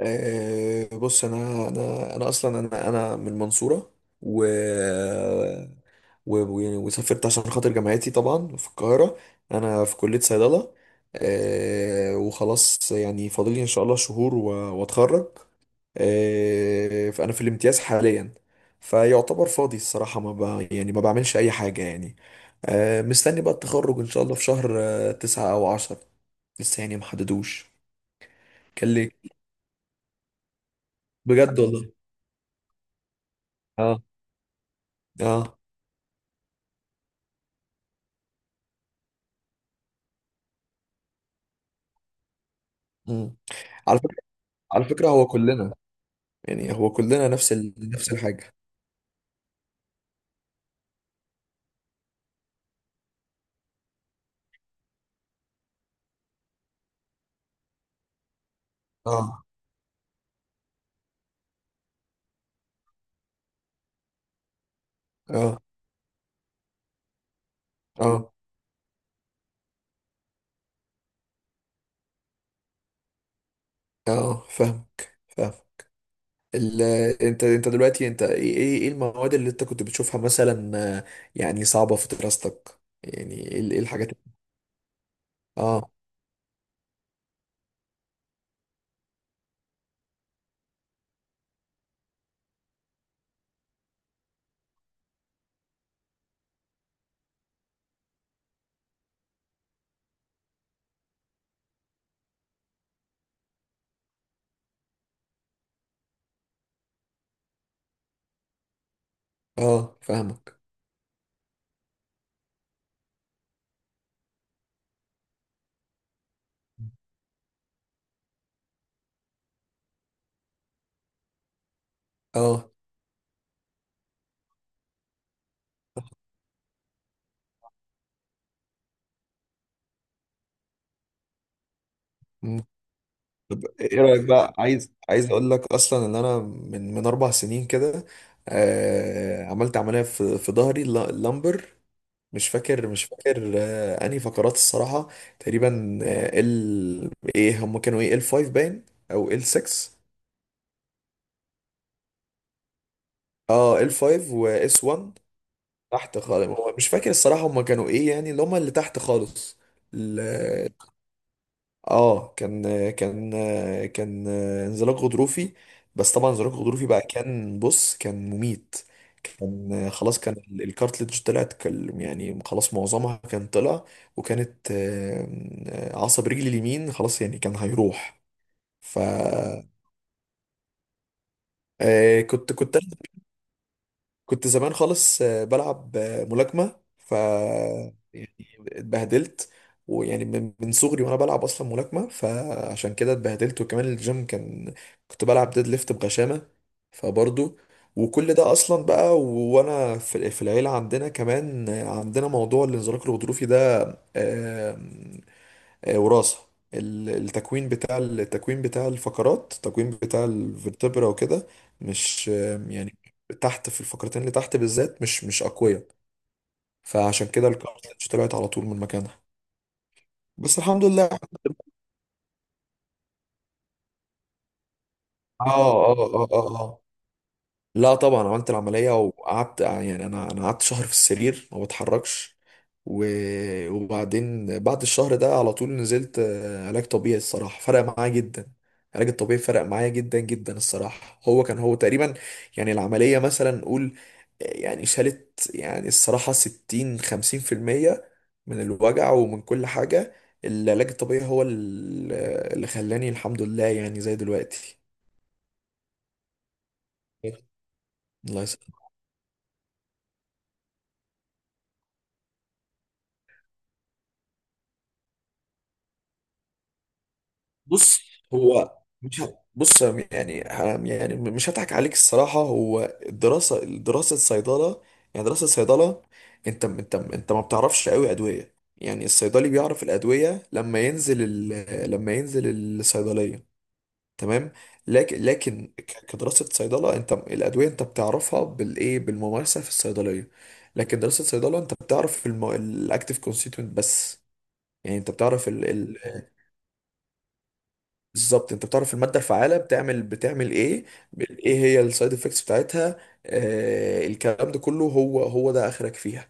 بص، انا اصلا انا من المنصوره. و يعني وسافرت عشان خاطر جامعتي طبعا في القاهره. انا في كليه صيدله. وخلاص يعني فاضل لي ان شاء الله شهور واتخرج. فانا في الامتياز حاليا، فيعتبر فاضي الصراحه، ما ب... يعني ما بعملش اي حاجه يعني. مستني بقى التخرج ان شاء الله في شهر، 9 أو 10. لسه يعني محددوش. كان لي. بجد والله. اه، اه. مم. على فكرة على فكرة هو كلنا، يعني هو كلنا نفس نفس الحاجة. اه، اه، اه، اه. فاهمك فاهم. ال... انت دلوقتي انت ايه ايه إيه المواد اللي انت كنت بتشوفها مثلا؟ آه، يعني صعبة في دراستك؟ يعني ايه إيه الحاجات؟ اه، اه. فاهمك. اه. مم. طب ايه رأيك؟ بقى عايز اقول لك اصلا ان انا من 4 سنين كده، عملت عملية في ظهري اللامبر. مش فاكر انهي فقرات الصراحة. تقريبا، ال ايه هم كانوا ايه، ال 5 باين او ال 6. اه، ال 5 واس 1، تحت خالص. هو مش فاكر الصراحة هم كانوا ايه يعني، اللي تحت خالص. اه. كان كان انزلاق غضروفي، بس طبعا انزلاق غضروفي بقى كان، بص، كان مميت. كان خلاص، كان الكارتليج طلعت، يعني خلاص معظمها كان طلع. وكانت عصب رجلي اليمين خلاص يعني كان هيروح. ف كنت كنت زمان خالص، بلعب ملاكمة، ف يعني، اتبهدلت. ويعني من صغري وانا بلعب اصلا ملاكمة، فعشان كده اتبهدلت، وكمان الجيم كان، كنت بلعب ديد ليفت بغشامة، فبرضه. وكل ده اصلا بقى، وانا في العيلة عندنا كمان عندنا موضوع الانزلاق الغضروفي ده. آه، وراثة. التكوين بتاع الفقرات، التكوين بتاع الفرتبرا وكده، مش يعني تحت في الفقرتين اللي تحت بالذات مش أقوياء، فعشان كده الكارتلج طلعت على طول من مكانها. بس الحمد لله. اه، اه، اه، اه. لا طبعا، عملت العملية وقعدت، يعني أنا قعدت شهر في السرير ما بتحركش. و... وبعدين، بعد الشهر ده على طول نزلت علاج طبيعي، الصراحة فرق معايا جدا. العلاج الطبيعي فرق معايا جدا جدا الصراحة. هو تقريبا، يعني العملية مثلا نقول يعني شالت، يعني الصراحة 60 50% من الوجع ومن كل حاجة. العلاج الطبيعي هو اللي خلاني الحمد لله يعني زي دلوقتي. الله يسلمك. بص، هو مش ه- بص يعني، حرام يعني، مش هضحك عليك الصراحة. هو الدراسة دراسة صيدلة، يعني دراسة صيدلة، انت ما بتعرفش قوي أدوية. يعني الصيدلي بيعرف الأدوية لما ينزل لما ينزل الصيدلية، تمام. كدراسة صيدلة، انت الأدوية انت بتعرفها بالإيه، بالممارسة في الصيدلية. لكن دراسة صيدلة، انت بتعرف الأكتيف كونستيتوينت بس. يعني انت بتعرف، بالظبط، انت بتعرف الماده الفعاله بتعمل ايه، ايه هي السايد افكتس بتاعتها. الكلام ده كله، هو ده اخرك فيها،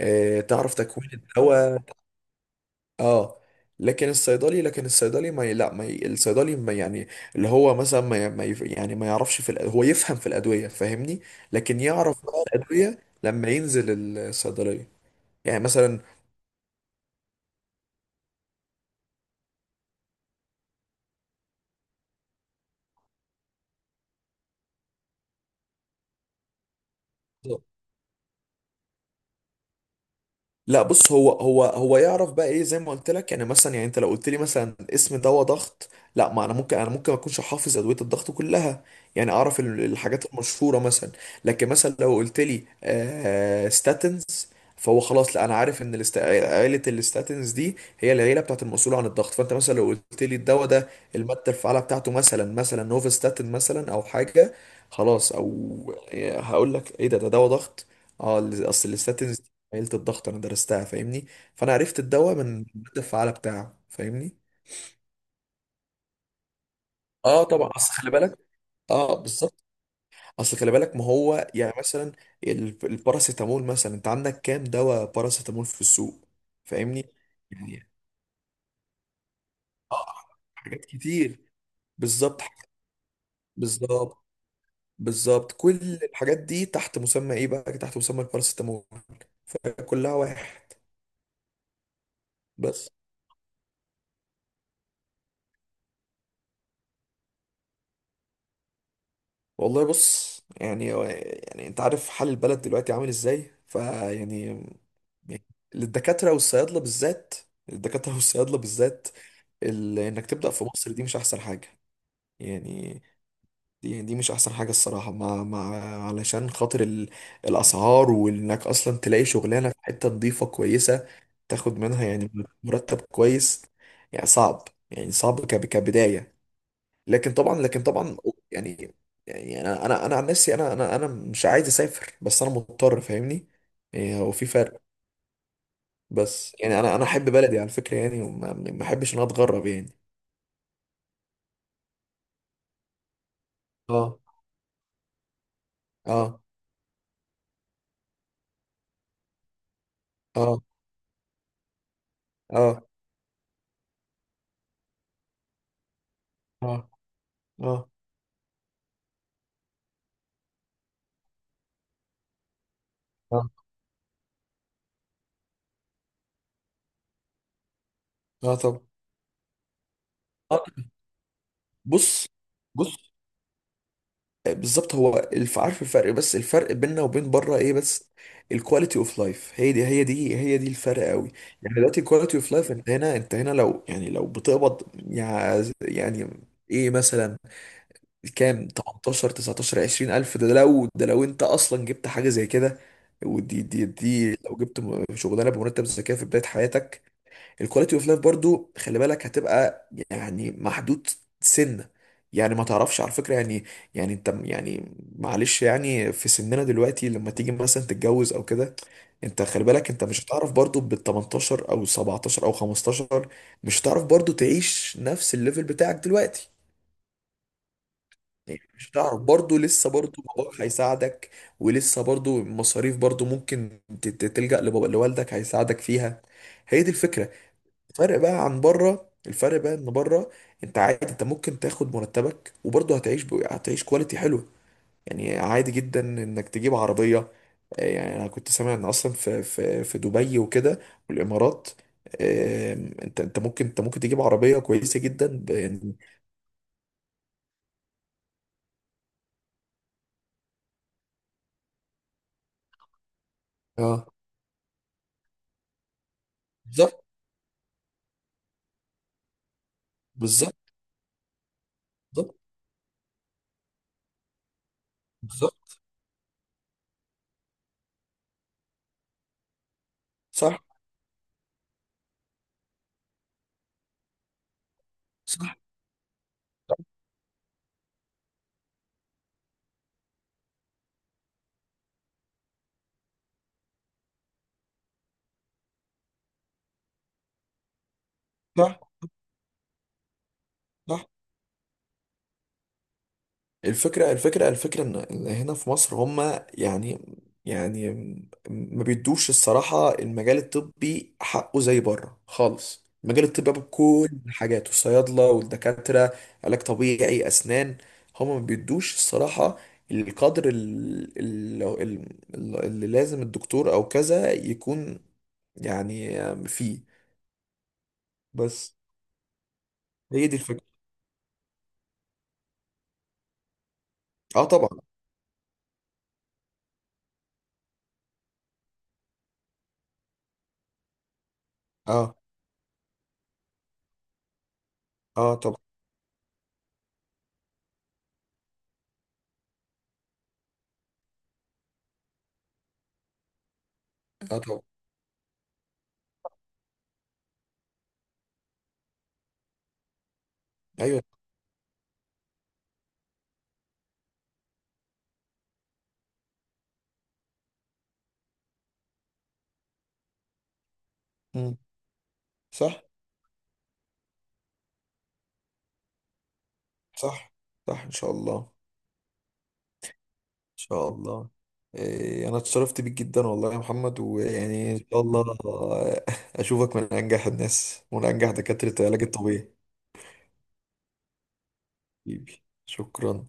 تعرف تكوين الدواء. اه. لكن الصيدلي ما ي- لا ما ي- الصيدلي ما يعني، اللي هو مثلا ما ي- ما يف- يعني ما يعرفش في هو يفهم في الادويه، فاهمني. لكن يعرف بقى الادويه لما ينزل الصيدليه، يعني مثلا. لا، بص، هو يعرف بقى ايه، زي ما قلت لك، يعني مثلا، يعني انت لو قلت لي مثلا اسم دواء ضغط. لا، ما انا ممكن ما اكونش حافظ ادويه الضغط كلها، يعني اعرف الحاجات المشهوره مثلا. لكن مثلا لو قلت لي ستاتنز، فهو خلاص، لا انا عارف ان عيله الستاتنز دي هي العيله بتاعت المسؤول عن الضغط، فانت مثلا لو قلت لي الدواء ده، الماده الفعاله بتاعته مثلا نوفستاتين مثلا او حاجه، خلاص، او هقول لك ايه، ده دواء ضغط. اه، اصل الستاتنز عيلة الضغط انا درستها، فاهمني. فانا عرفت الدواء من المادة الفعالة بتاعه، فاهمني. اه طبعا، اصل خلي بالك. اه، بالظبط. اصل خلي بالك، ما هو يعني مثلا الباراسيتامول مثلا، انت عندك كام دواء باراسيتامول في السوق؟ فاهمني، يعني. اه، حاجات كتير. بالظبط بالظبط بالظبط كل الحاجات دي تحت مسمى ايه؟ بقى تحت مسمى الباراسيتامول، فكلها واحد. بس والله، بص يعني انت عارف حال البلد دلوقتي عامل ازاي، فيعني، للدكاترة والصيادلة بالذات. الدكاترة والصيادلة بالذات، انك تبدأ في مصر دي مش احسن حاجة. يعني دي مش احسن حاجة الصراحة، مع مع علشان خاطر الاسعار، وانك اصلا تلاقي شغلانة في حتة نظيفة كويسة تاخد منها، يعني، مرتب كويس. يعني صعب، يعني صعب كبداية. لكن طبعا، يعني، يعني انا عن نفسي، انا مش عايز اسافر، بس انا مضطر، فاهمني. يعني هو في فرق. بس يعني انا احب بلدي على فكره يعني، وما ما احبش ان انا اتغرب يعني. اه، اه، اه، اه، اه، اه، اه، طب، آه، بص بص، بالظبط، هو عارف الفرق، بس الفرق بيننا وبين بره ايه بس، الكواليتي اوف لايف، هي دي الفرق قوي. يعني دلوقتي الكواليتي اوف لايف، انت هنا لو بتقبض، يعني ايه مثلا، كام؟ 18، 19، 20 الف، ده لو انت اصلا جبت حاجه زي كده. ودي دي دي لو جبت شغلانه بمرتب زي كده في بدايه حياتك، الكواليتي اوف لايف برضو خلي بالك هتبقى يعني محدود، سنة، يعني ما تعرفش على فكرة يعني. يعني انت يعني معلش يعني في سننا دلوقتي لما تيجي مثلا تتجوز او كده، انت خلي بالك، انت مش هتعرف برضو بال 18 او 17 او 15، مش هتعرف برضو تعيش نفس الليفل بتاعك دلوقتي. يعني مش هتعرف برضو لسه برضو باباك هيساعدك، ولسه برضو المصاريف برضو ممكن تلجأ لبابا لوالدك هيساعدك فيها. هي دي الفكرة. الفرق بقى عن بره، الفرق بقى ان بره، انت عادي، انت ممكن تاخد مرتبك وبرضه هتعيش هتعيش كواليتي حلوه، يعني عادي جدا انك تجيب عربيه. يعني انا كنت سامع ان اصلا في دبي وكده والامارات. انت ممكن تجيب عربيه كويسه جدا يعني. اه، بالظبط، بالظبط، بالظبط، بالظبط، صح، صح، صح، صح. الفكرة إن هنا في مصر هما، يعني، يعني ما بيدوش الصراحة المجال الطبي حقه زي بره خالص، المجال الطبي بقى بكل حاجاته، الصيادلة والدكاترة، علاج طبيعي، أسنان، هما ما بيدوش الصراحة القدر اللي لازم الدكتور أو كذا يكون، يعني، فيه، بس. هي دي الفكرة. اه طبعا. اه، اه طبعا. اه طبعا. ايوه. مم. صح، صح، صح، ان شاء الله، ان شاء الله. إيه، انا اتشرفت بيك جدا والله يا محمد، ويعني ان شاء الله اشوفك من انجح الناس، ومن انجح دكاترة العلاج الطبيعي. حبيبي، شكرا.